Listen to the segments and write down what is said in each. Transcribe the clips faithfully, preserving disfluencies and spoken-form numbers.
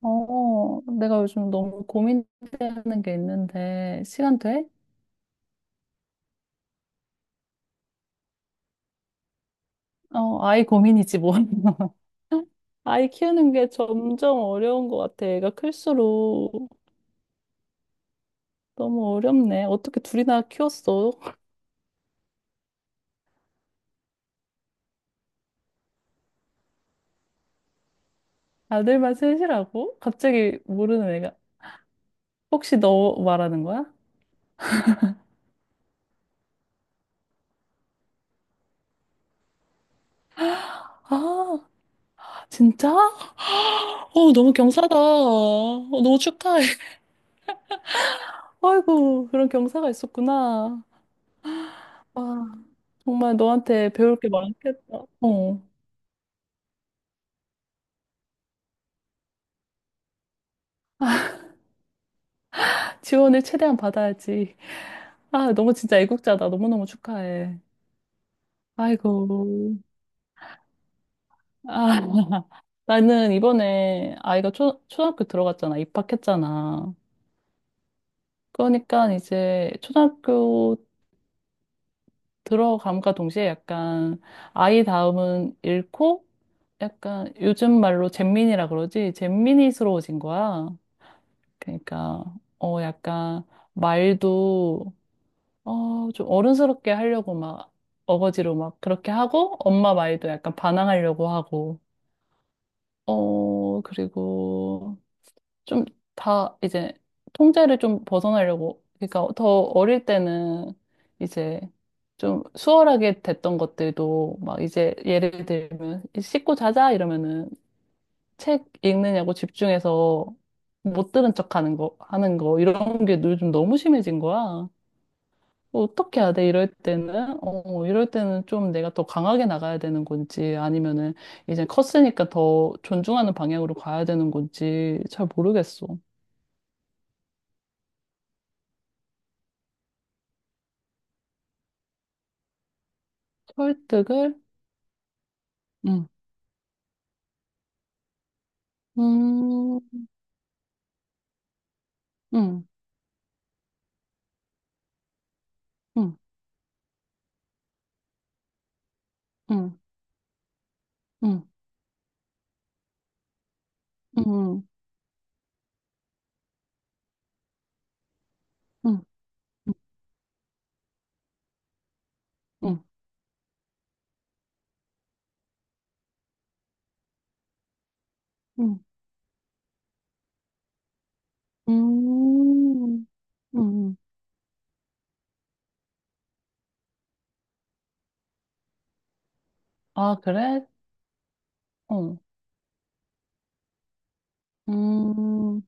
어, 내가 요즘 너무 고민되는 게 있는데, 시간 돼? 어, 아이 고민이지, 뭐. 아이 키우는 게 점점 어려운 것 같아. 애가 클수록 너무 어렵네. 어떻게 둘이나 키웠어? 아들만 셋이라고? 갑자기 모르는 애가. 혹시 너 말하는 거야? 아, 진짜? 어, 너무 경사다. 어, 너무 축하해. 아이고, 그런 경사가 있었구나. 와, 정말 너한테 배울 게 많겠다. 어. 지원을 최대한 받아야지. 아, 너무 진짜 애국자다. 너무너무 축하해. 아이고. 아, 나는 이번에 아이가 초, 초등학교 들어갔잖아. 입학했잖아. 그러니까 이제 초등학교 들어감과 동시에 약간 아이 다음은 잃고 약간 요즘 말로 잼민이라 그러지. 잼민이스러워진 거야. 그러니까, 어, 약간 말도 어, 좀 어른스럽게 하려고 막 어거지로 막 그렇게 하고 엄마 말도 약간 반항하려고 하고 어, 그리고 좀 다 이제 통제를 좀 벗어나려고 그러니까 더 어릴 때는 이제 좀 수월하게 됐던 것들도 막 이제 예를 들면 씻고 자자 이러면은 책 읽느냐고 집중해서 못 들은 척 하는 거 하는 거 이런 게 요즘 너무 심해진 거야. 어떻게 해야 돼? 이럴 때는? 어, 이럴 때는 좀 내가 더 강하게 나가야 되는 건지 아니면은 이제 컸으니까 더 존중하는 방향으로 가야 되는 건지 잘 모르겠어. 설득을? 응. 음, 응, 응, 응, 응, 응, 응, 응, 응, 응, 응. 아, 그래? 어, 음,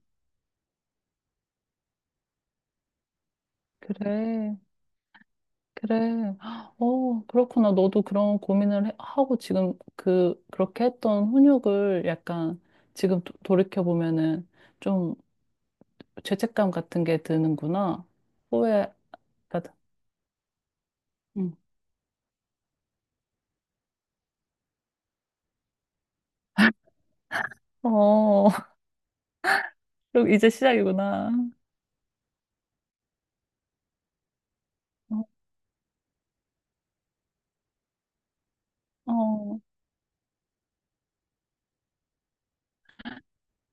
그래. 그래. 어, 그렇구나. 너도 그런 고민을 해- 하고 지금 그, 그렇게 했던 훈육을 약간 지금 도- 돌이켜보면은 좀 죄책감 같은 게 드는구나. 후회, 같은- 응. 어, 그럼 이제 시작이구나. 어, 어,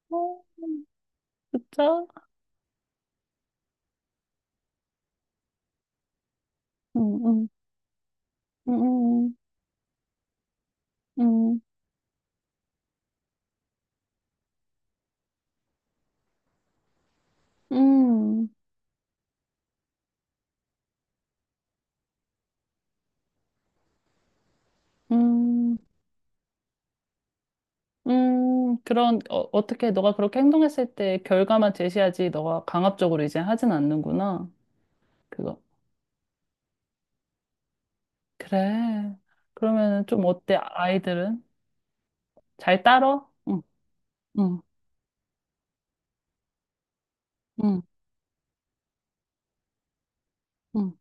어, 진짜? 응, 응, 응, 응, 응, 응, 응. 응. 그런, 어, 어떻게 너가 그렇게 행동했을 때 결과만 제시하지, 너가 강압적으로 이제 하진 않는구나. 그거. 그래. 그러면 좀 어때, 아이들은? 잘 따러? 응, 응, 응, 응,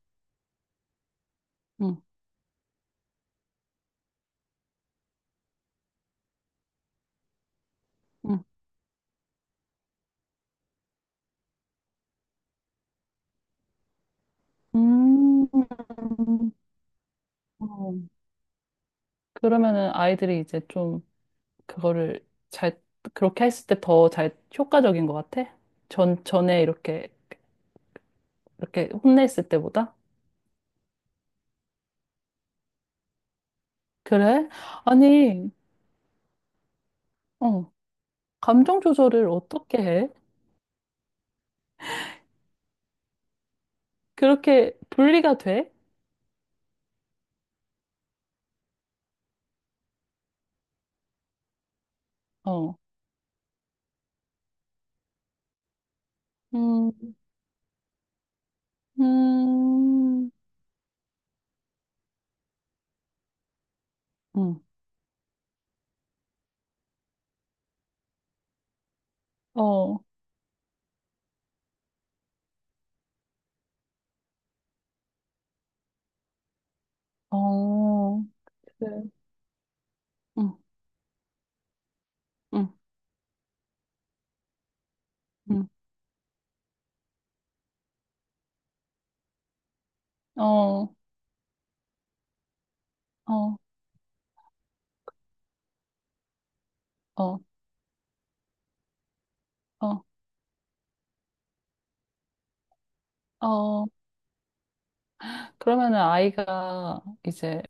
응, 응. 음, 어. 그러면은 아이들이 이제 좀 그거를 잘, 그렇게 했을 때 더 잘 효과적인 것 같아? 전, 전에 이렇게, 이렇게 혼냈을 때보다? 그래? 아니, 어, 감정 조절을 어떻게 해? 그렇게 분리가 돼? 어, 음, 음, 음, 어. 어, 래 응, 응, 응. 어, 어, 어, 어, 어. 그러면은 아이가 이제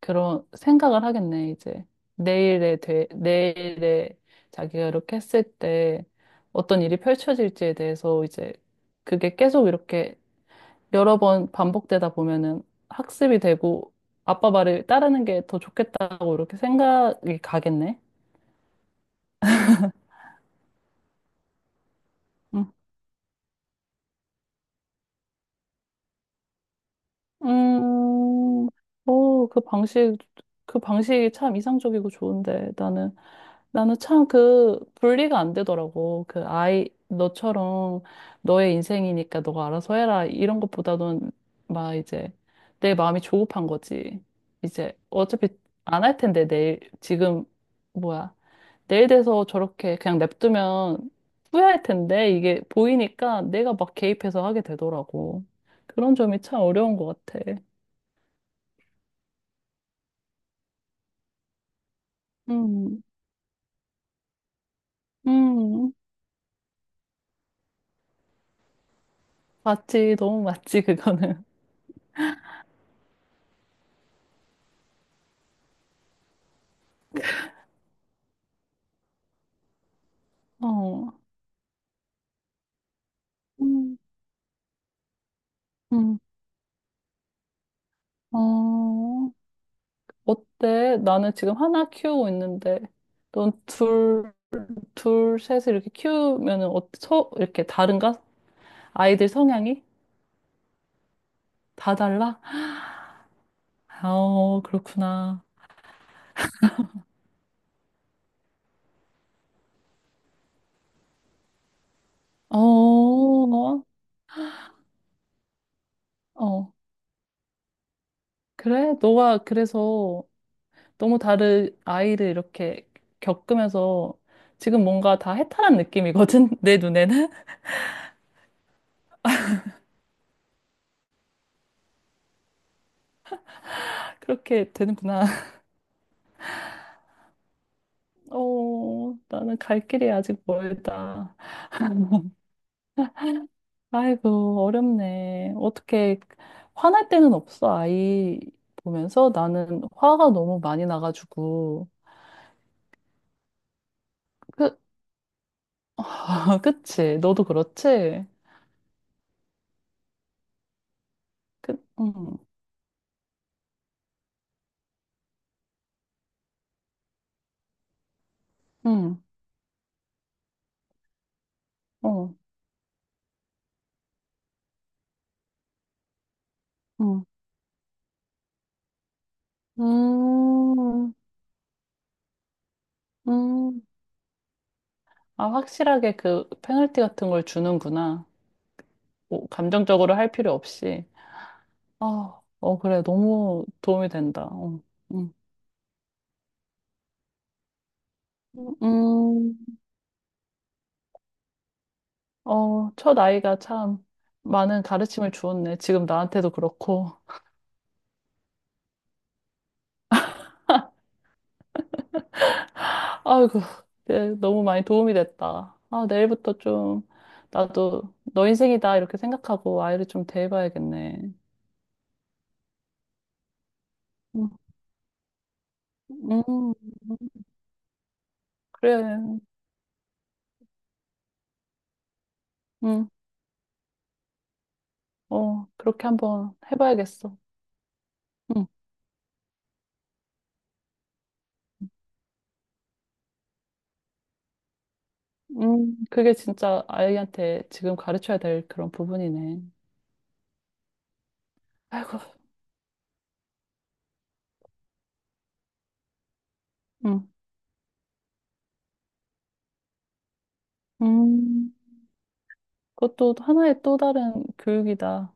그런 생각을 하겠네, 이제. 내일에 돼, 내일에 자기가 이렇게 했을 때 어떤 일이 펼쳐질지에 대해서 이제 그게 계속 이렇게 여러 번 반복되다 보면은 학습이 되고 아빠 말을 따르는 게 더 좋겠다고 이렇게 생각이 가겠네. 응. 음, 오, 그 방식, 그 방식이 참 이상적이고 좋은데, 나는, 나는 참 그 분리가 안 되더라고. 그 아이, 너처럼 너의 인생이니까 너가 알아서 해라. 이런 것보다는 막 이제 내 마음이 조급한 거지. 이제 어차피 안 할 텐데, 내일, 지금, 뭐야. 내일 돼서 저렇게 그냥 냅두면 후회할 텐데, 이게 보이니까 내가 막 개입해서 하게 되더라고. 그런 점이 참 어려운 것 같아. 음, 음, 맞지, 너무 맞지, 그거는. 어, 음, 음, 어, 어때? 나는 지금 하나 키우고 있는데, 넌 둘, 둘, 셋을 이렇게 키우면은, 어, 서, 이렇게 다른가? 아이들 성향이? 다 달라? 어, 그렇구나. 어, 어, 그래? 너가 그래서 너무 다른 아이를 이렇게 겪으면서 지금 뭔가 다 해탈한 느낌이거든, 내 눈에는. 그렇게 되는구나. 어, 나는 갈 길이 아직 멀다. 아이고, 어렵네. 어떻게, 화날 때는 없어, 아이 보면서. 나는 화가 너무 많이 나가지고. 그, 그치? 너도 그렇지? 그, 응, 응, 어, 응. 음, 음. 아, 확실하게 그 페널티 같은 걸 주는구나. 뭐 감정적으로 할 필요 없이. 아, 어, 그래. 너무 도움이 된다. 어, 음, 음, 어, 첫 아이가 참 많은 가르침을 주었네. 지금 나한테도 그렇고. 아이고, 네, 너무 많이 도움이 됐다. 아, 내일부터 좀 나도 너 인생이다. 이렇게 생각하고 아이를 좀 대해봐야겠네. 음, 음, 그래. 음, 어, 그렇게 한번 해봐야겠어. 음. 음, 그게 진짜 아이한테 지금 가르쳐야 될 그런 부분이네. 아이고, 음, 음, 그것도 하나의 또 다른 교육이다.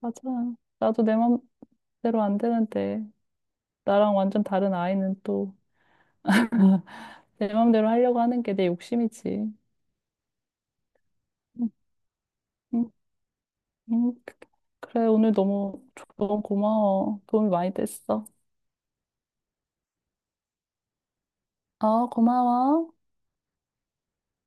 맞아. 나도 내 맘대로 안 되는데, 나랑 완전 다른 아이는 또 내 맘대로 하려고 하는 게 내 욕심이지. 음, 음, 음. 그래, 오늘 너무 조언 고마워. 도움이 많이 됐어. 어, 고마워.